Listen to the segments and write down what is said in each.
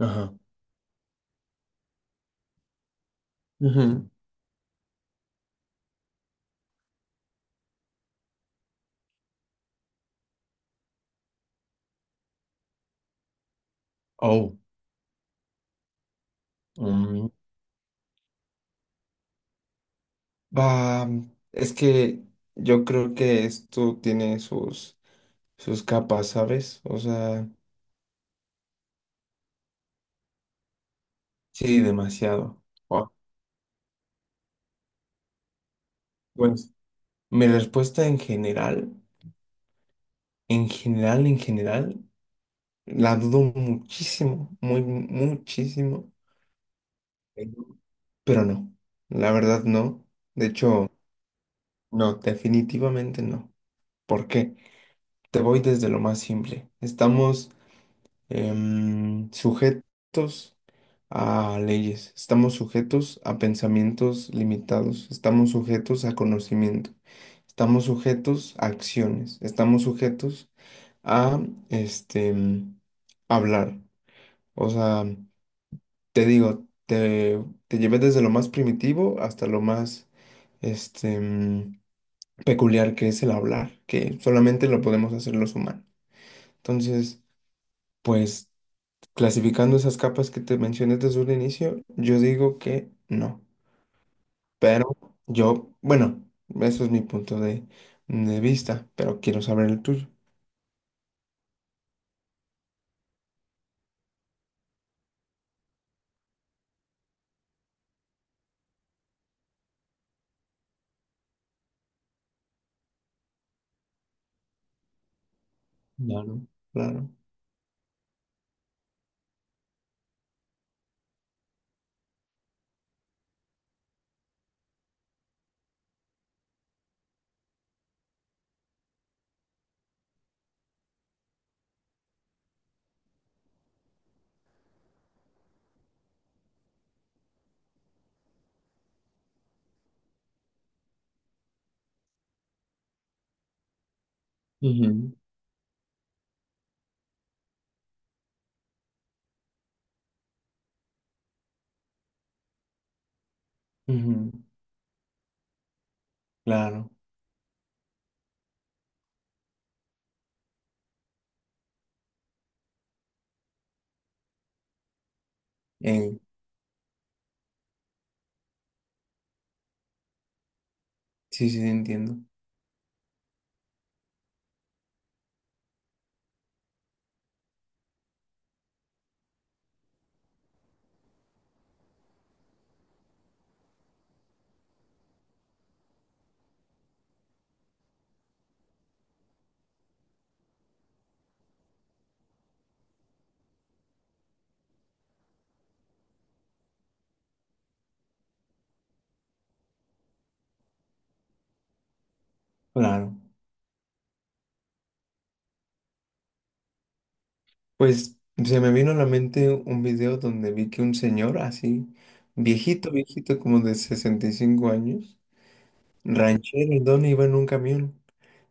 Ajá. Ujú. Oh, mm, va. Es que yo creo que esto tiene sus capas, ¿sabes? O sea, sí, demasiado. Oh, pues mi respuesta en general, en general, la dudo muchísimo, muchísimo. Pero no, la verdad no. De hecho, no, definitivamente no. ¿Por qué? Te voy desde lo más simple. Estamos sujetos a leyes, estamos sujetos a pensamientos limitados, estamos sujetos a conocimiento, estamos sujetos a acciones, estamos sujetos a este em, hablar. O sea, te digo, te llevé desde lo más primitivo hasta lo más este em, peculiar, que es el hablar, que solamente lo podemos hacer los humanos. Entonces, pues, clasificando esas capas que te mencioné desde un inicio, yo digo que no. Pero yo, bueno, eso es mi de vista, pero quiero saber el tuyo. Claro, claro. Ujú, ujú, claro. Eh, sí, sí, entiendo. Claro. Pues se me vino a la mente un video donde vi que un señor así, viejito, viejito, como de 65 años, ranchero, el don iba en un camión.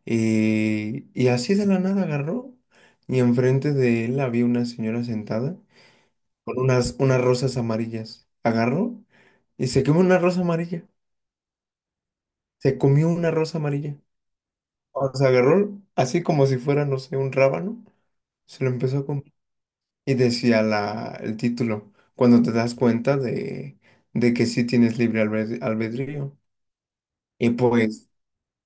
Y así de la nada agarró. Y enfrente de él había una señora sentada con unas rosas amarillas. Agarró y se comió una rosa amarilla. Se comió una rosa amarilla. O sea, agarró así como si fuera, no sé, un rábano. Se lo empezó a comer. Y decía el título: cuando te das cuenta de que sí tienes libre albedrío. Y pues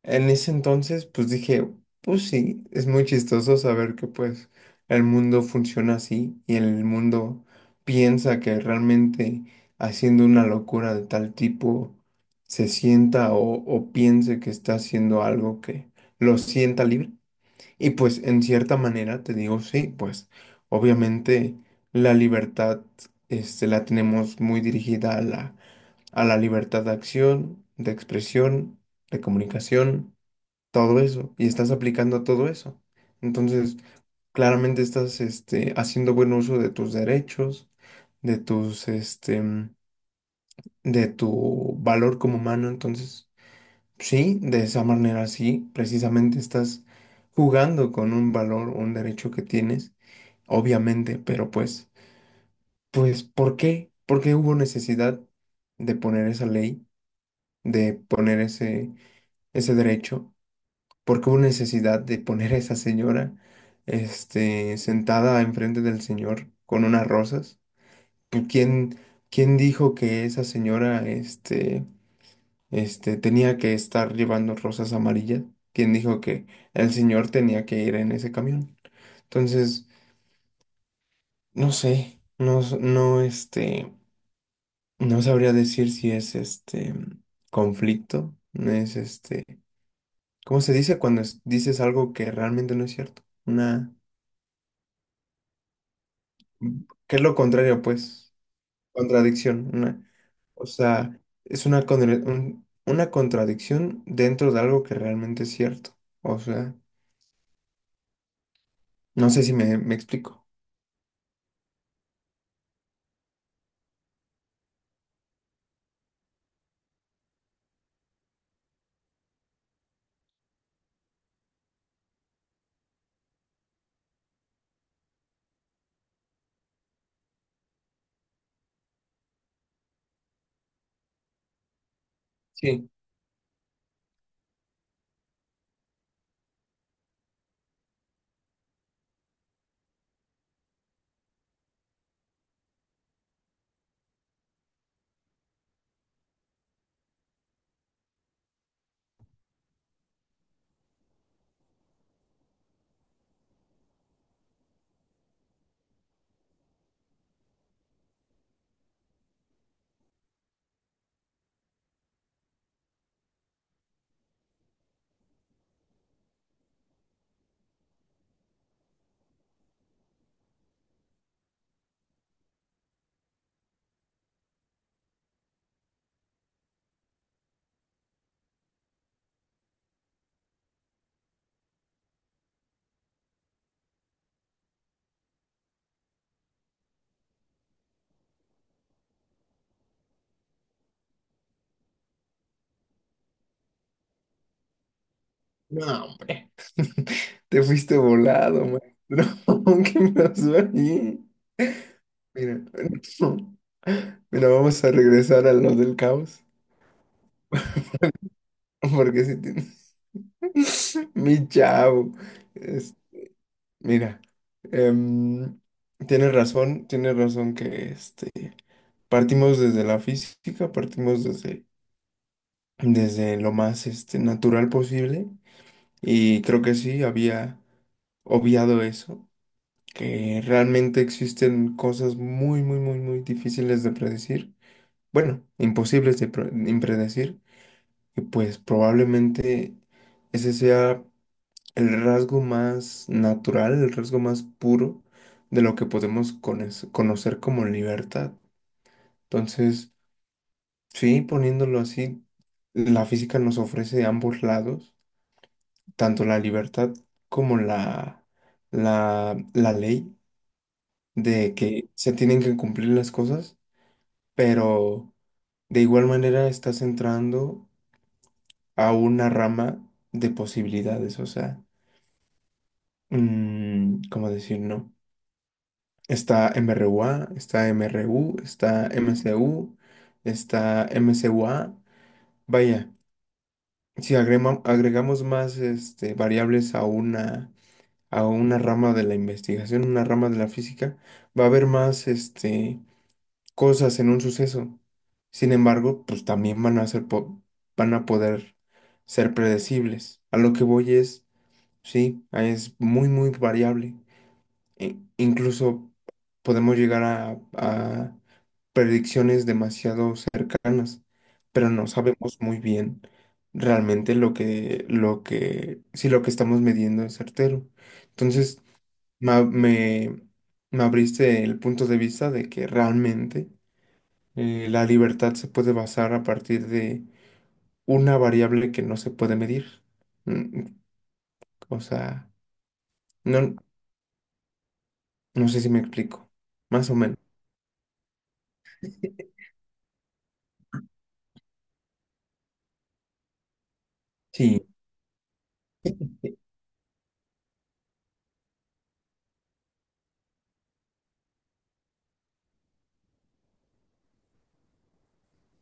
en ese entonces, pues dije, pues sí, es muy chistoso saber que pues el mundo funciona así y el mundo piensa que realmente, haciendo una locura de tal tipo, se sienta o piense que está haciendo algo que lo sienta libre. Y pues en cierta manera te digo, sí, pues obviamente la libertad este, la tenemos muy dirigida a a la libertad de acción, de expresión, de comunicación, todo eso, y estás aplicando a todo eso. Entonces, claramente estás este, haciendo buen uso de tus derechos, de de tu valor como humano. Entonces, sí, de esa manera sí, precisamente estás jugando con un valor, un derecho que tienes, obviamente, pero pues, ¿por qué? ¿Por qué hubo necesidad de poner esa ley, de poner ese derecho? ¿Porque hubo necesidad de poner a esa señora, este, sentada enfrente del señor con unas rosas? Pues, ¿quién dijo que esa señora, tenía que estar llevando rosas amarillas? ¿Quién dijo que el señor tenía que ir en ese camión? Entonces, no sé, no sabría decir si es este conflicto, no es este, ¿cómo se dice cuando dices algo que realmente no es cierto? Una... ¿Qué es lo contrario, pues? Contradicción. O sea, es una contradicción dentro de algo que realmente es cierto. O sea, no sé si me explico. Sí. No, hombre. Te fuiste volado, maestro. ¿Qué pasó ahí? Mira, no. Mira, vamos a regresar a lo del caos. Porque si tienes... Mi chavo. Mira, em, tienes razón que este, partimos desde la física, desde lo más este, natural posible, y creo que sí, había obviado eso, que realmente existen cosas muy, muy, muy, muy difíciles de predecir, bueno, imposibles de impredecir, y pues probablemente ese sea... el rasgo más natural, el rasgo más puro de lo que podemos conocer como libertad. Entonces, sí, poniéndolo así, la física nos ofrece ambos lados, tanto la libertad como la ley de que se tienen que cumplir las cosas, pero de igual manera estás entrando a una rama de posibilidades, o sea, mm, ¿cómo decir, no? Está MRUA, está MRU, está MCU, está MCUA. Vaya, si agregamos más este, variables a a una rama de la investigación, una rama de la física, va a haber más este, cosas en un suceso. Sin embargo, pues también van a ser van a poder ser predecibles. A lo que voy es, sí, es muy, muy variable, incluso podemos llegar a predicciones demasiado cercanas, pero no sabemos muy bien realmente si lo que estamos midiendo es certero. Entonces, ma- me, me abriste el punto de vista de que realmente la libertad se puede basar a partir de una variable que no se puede medir. Mm, o sea, no, no sé si me explico. Más o menos. Sí.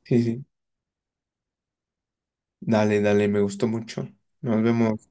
Sí, sí. Dale, dale, me gustó mucho. Nos vemos.